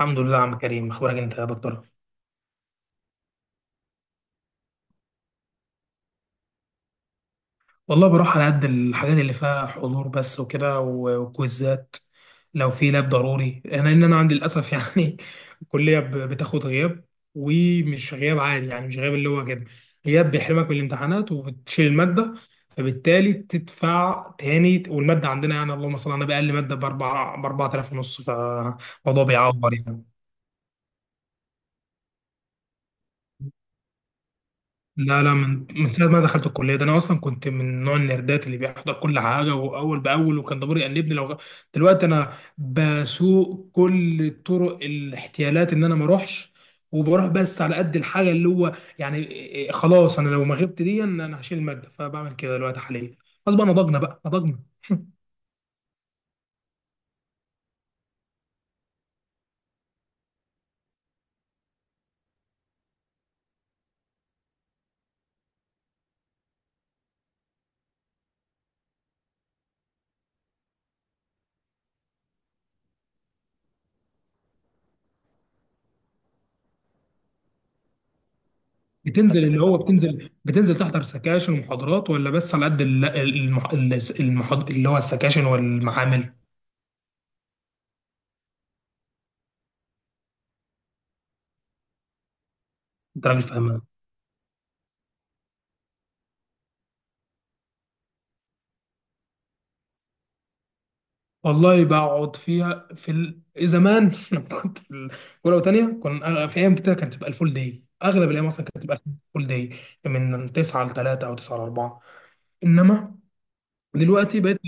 الحمد لله يا عم كريم، اخبارك انت يا دكتور؟ والله بروح على قد الحاجات اللي فيها حضور بس وكده و- وكويزات. لو في لاب ضروري انا انا عندي للاسف يعني الكليه بتاخد غياب، ومش غياب عادي. يعني مش غياب اللي هو كده، غياب بيحرمك من الامتحانات وبتشيل الماده، فبالتالي تدفع تاني. والماده عندنا يعني اللهم صل على النبي اقل ماده ب 4، ب 4000 ونص، فالموضوع بيعور يعني. لا، من ساعة ما دخلت الكلية ده أنا أصلا كنت من نوع النردات اللي بيحضر كل حاجة وأول بأول، وكان ضميري يأنبني لو دلوقتي أنا بسوق كل طرق الاحتيالات إن أنا ما أروحش، وبروح بس على قد الحاجة اللي هو يعني إيه- إيه خلاص، أنا لو ما غبت دي أنا هشيل المادة، فبعمل كده دلوقتي حاليا. خلاص بقى، نضجنا بقى نضجنا. بتنزل اللي هو بتنزل بتنزل تحضر سكاشن ومحاضرات ولا بس على قد اللي هو السكاشن والمعامل؟ أنت راجل فاهمان. والله بقعد فيها زمان لما كنت في اولى وثانيه كنا في ايام كتير كانت تبقى الفول داي، اغلب الايام اصلا كانت الفول داي من 9 ل 3 او 9 ل 4. انما دلوقتي بقيت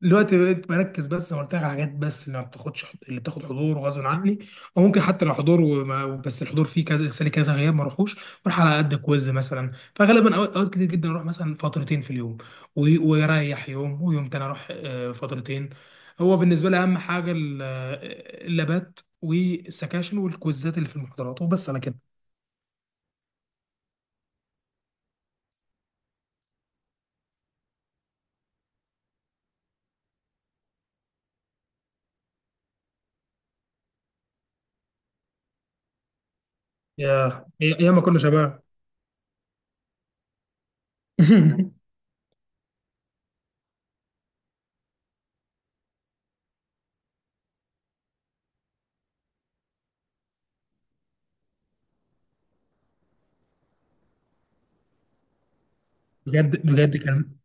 دلوقتي بقيت بركز بس زي ما قلت لك على حاجات بس اللي ما بتاخدش، اللي بتاخد حضور وغصب عني، او ممكن حتى لو حضور وما بس الحضور فيه كذا، السنه كذا غياب ما اروحوش. بروح على قد كويز مثلا، فغالبا أوقات كتير جدا اروح مثلا فترتين في اليوم، و- ويريح يوم، ويوم تاني اروح فترتين. هو بالنسبه لي اهم حاجه اللابات والسكاشن والكويزات اللي في المحاضرات، وبس على كده. يا ما كنا شباب. بجد كان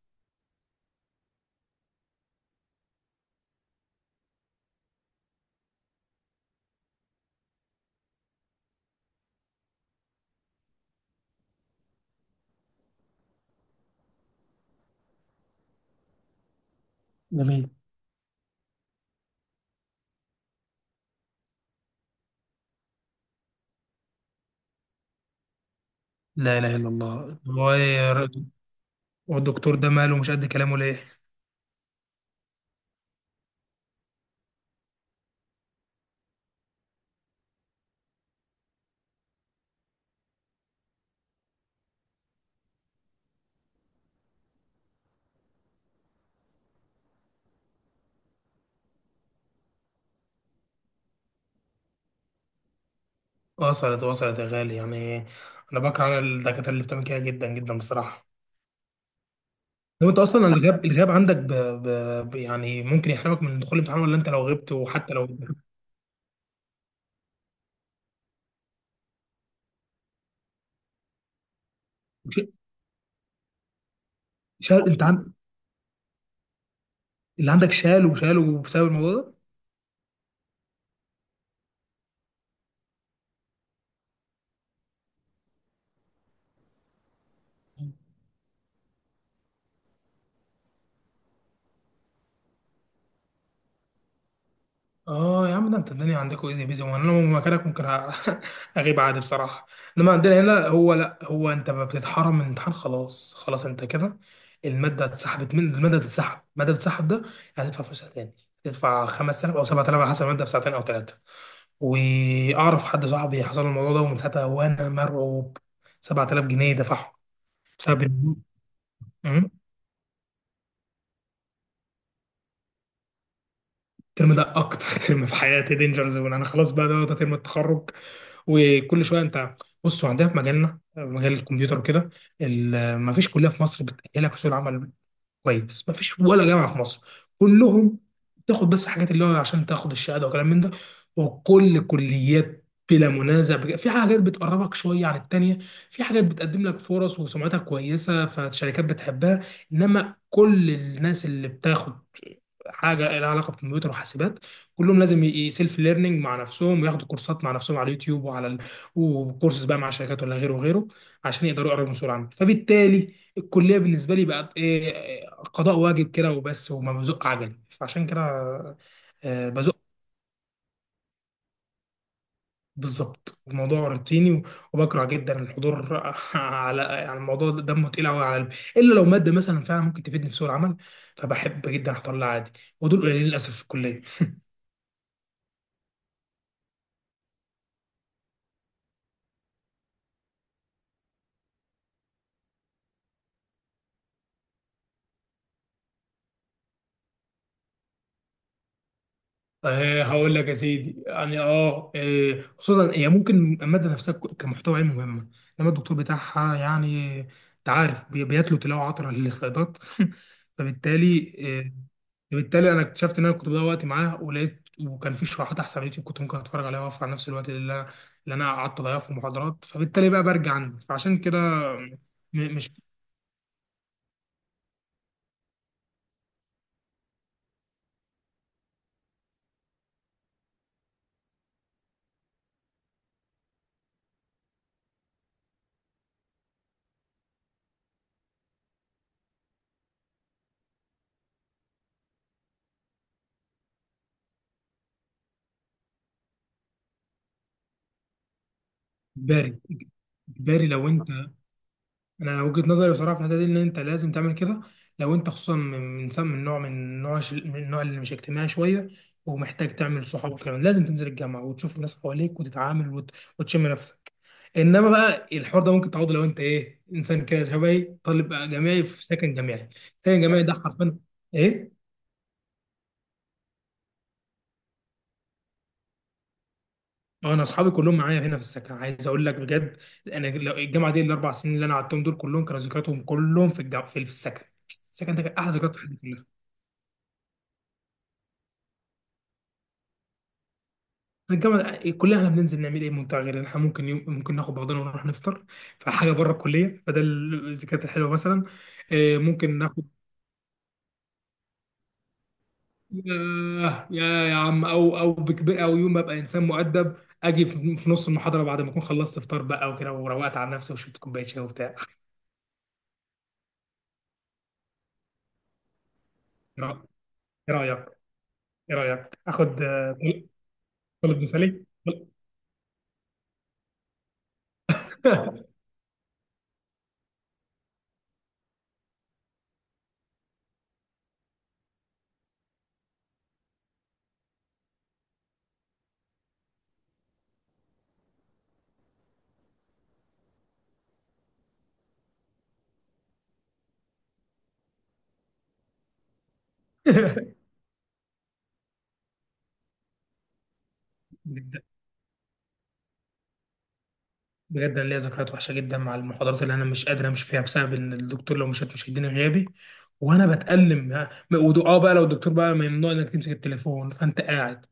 جميل. لا اله الا الله، هو هو الدكتور ده ماله مش قد كلامه ليه؟ وصلت، يا غالي. يعني انا بكره الدكاتره اللي بتعمل كده جدا جدا بصراحه. لو انت اصلا الغياب عندك يعني ممكن يحرمك من دخول الامتحان، ولا انت لو غبت وحتى لو شال انت عن... اللي عندك شالوا بسبب الموضوع ده؟ اه يا عم، ده انت الدنيا عندكم ايزي بيزي، وانا لو مكانك ممكن اغيب عادي بصراحه. انما عندنا هنا هو لا، هو انت ما بتتحرم من الامتحان، خلاص انت كده الماده اتسحبت، من الماده تتسحب الماده تتسحب ده هتدفع فلوسها تاني. هتدفع 5000 او 7000 على حسب الماده بساعتين او ثلاثه. واعرف حد صاحبي حصل له الموضوع ده، ومن ساعتها وانا مرعوب. 7000 جنيه دفعهم بسبب ال- الترم ده. اكتر ترم في حياتي دينجر زون انا، خلاص بقى، ده ترم التخرج. وكل شويه انت... بصوا، عندنا في مجالنا، مجال الكمبيوتر وكده، ما فيش كليه في مصر بتاهلك لسوق العمل كويس، مفيش ولا جامعه في مصر. كلهم بتاخد بس حاجات اللي هو عشان تاخد الشهاده وكلام من ده. وكل كليات بلا منازع في حاجات بتقربك شويه عن التانيه، في حاجات بتقدم لك فرص وسمعتها كويسه فالشركات بتحبها. انما كل الناس اللي بتاخد حاجه لها علاقه بالكمبيوتر وحاسبات كلهم لازم يسيلف ليرنينج مع نفسهم وياخدوا كورسات مع نفسهم على اليوتيوب وعلى وكورسز بقى مع شركات ولا غيره وغيره، عشان يقدروا يقربوا من سرعه. فبالتالي الكليه بالنسبه لي بقت ايه إيه، قضاء واجب كده وبس، وما بزق عجل، فعشان كده بزق بالظبط. الموضوع روتيني وبكره جدا الحضور على يعني الموضوع ده دمه تقيل قوي على قلبي، الا لو ماده مثلا فعلا ممكن تفيدني في سوق العمل، فبحب جدا احضر لها عادي، ودول قليلين للاسف في الكليه. هقول لك يا سيدي، يعني اه خصوصا هي ممكن الماده نفسها كمحتوى علمي مهمه، انما الدكتور بتاعها يعني انت عارف بيتلو تلاوه عطره للسلايدات. فبالتالي آه، فبالتالي انا اكتشفت ان انا كنت بضيع وقتي معاه، ولقيت وكان في شروحات احسن على اليوتيوب كنت ممكن اتفرج عليها واوفر على نفس الوقت اللي انا قعدت اضيعه في المحاضرات، فبالتالي بقى برجع عندي فعشان كده. م- مش باري، لو انت... انا وجهة نظري بصراحه في الحته دي ان انت لازم تعمل كده. لو انت خصوصا من نوع من النوع اللي مش اجتماعي شويه، ومحتاج تعمل صحاب، وكمان لازم تنزل الجامعه وتشوف الناس حواليك وتتعامل وتشم نفسك. انما بقى الحوار ده ممكن تعوضه لو انت انسان كده شبهي، طالب بقى جامعي في سكن جامعي. سكن جامعي ده حرفيا ايه. اه، انا اصحابي كلهم معايا هنا في السكن، عايز اقول لك بجد. انا الجامعه دي الاربع سنين اللي انا قعدتهم دول كلهم كانوا ذكرياتهم كلهم في الجامعه في السكن. السكن ده كان احلى ذكريات في حياتي، الجامعة. الكلية احنا بننزل نعمل ايه ممتع؟ غير إن احنا ممكن يوم ناخد بعضنا ونروح نفطر، فحاجة بره الكلية، فده الذكريات الحلوة مثلا. ممكن ناخد ياه، يا عم، او بكبر او يوم ابقى انسان مؤدب، اجي في نص المحاضرة بعد ما اكون خلصت فطار بقى وكده، وروقت على نفسي وشربت كوباية شاي وبتاع. ايه رأ- إيه رأيك؟ ايه رأيك؟ اخد طلب مثالي؟ بجد انا ليا ذكريات وحشه جدا مع المحاضرات اللي انا مش قادر امشي فيها بسبب ان الدكتور لو مشيت مش هيديني غيابي، وانا بتألم. ها، م- ودو- اه بقى لو الدكتور بقى ممنوع انك تمسك التليفون، فانت قاعد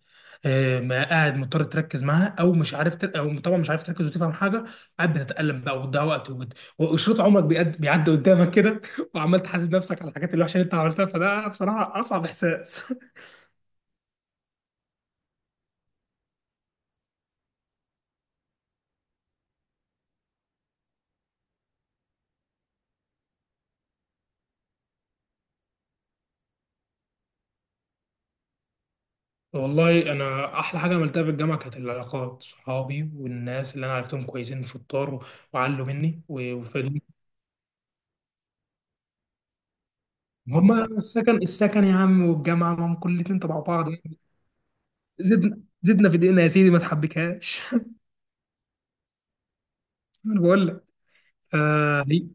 ما قاعد مضطر تركز معاها او مش عارف او طبعا مش عارف تركز وتفهم حاجه. قاعد بتتألم بقى وتضيع وقت وشريط عمرك بيعدي قدامك كده، وعمال تحاسب نفسك على الحاجات الوحشه اللي انت عملتها. فده بصراحه اصعب احساس. والله انا احلى حاجه عملتها في الجامعه كانت العلاقات، صحابي والناس اللي انا عرفتهم كويسين وشطار وعلوا مني وفادوني. هما السكن، يا عم، والجامعه ما هم كلنا تبع بعض يعني. زدنا في دقيقنا يا سيدي، ما تحبكهاش. انا بقول لك... آه ليه؟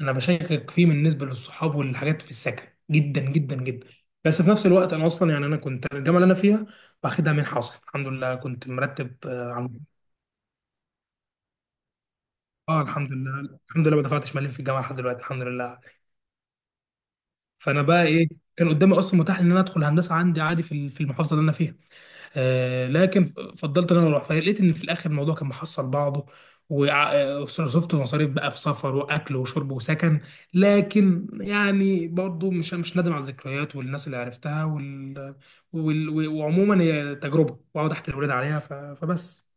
انا بشكك فيه بالنسبه للصحاب والحاجات في السكن، جدا جدا جدا. بس في نفس الوقت انا اصلا يعني انا كنت الجامعه اللي انا فيها واخدها منحه اصلا، الحمد لله كنت مرتب اه الحمد لله، ما دفعتش مليم في الجامعه لحد دلوقتي، الحمد لله. فانا بقى ايه، كان قدامي اصلا متاح ان انا ادخل هندسه عندي عادي في المحافظه اللي انا فيها. آه لكن فضلت ان انا اروح، فلقيت ان في الاخر الموضوع كان محصل بعضه، وصرفت مصاريف بقى في سفر واكل وشرب وسكن. لكن يعني برضو مش نادم على الذكريات والناس اللي عرفتها وعموما هي تجربه، واقعد احكي لاولاد عليها، فبس.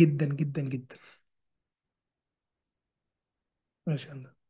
جدا جدا جدا. ماشي يا هندسة.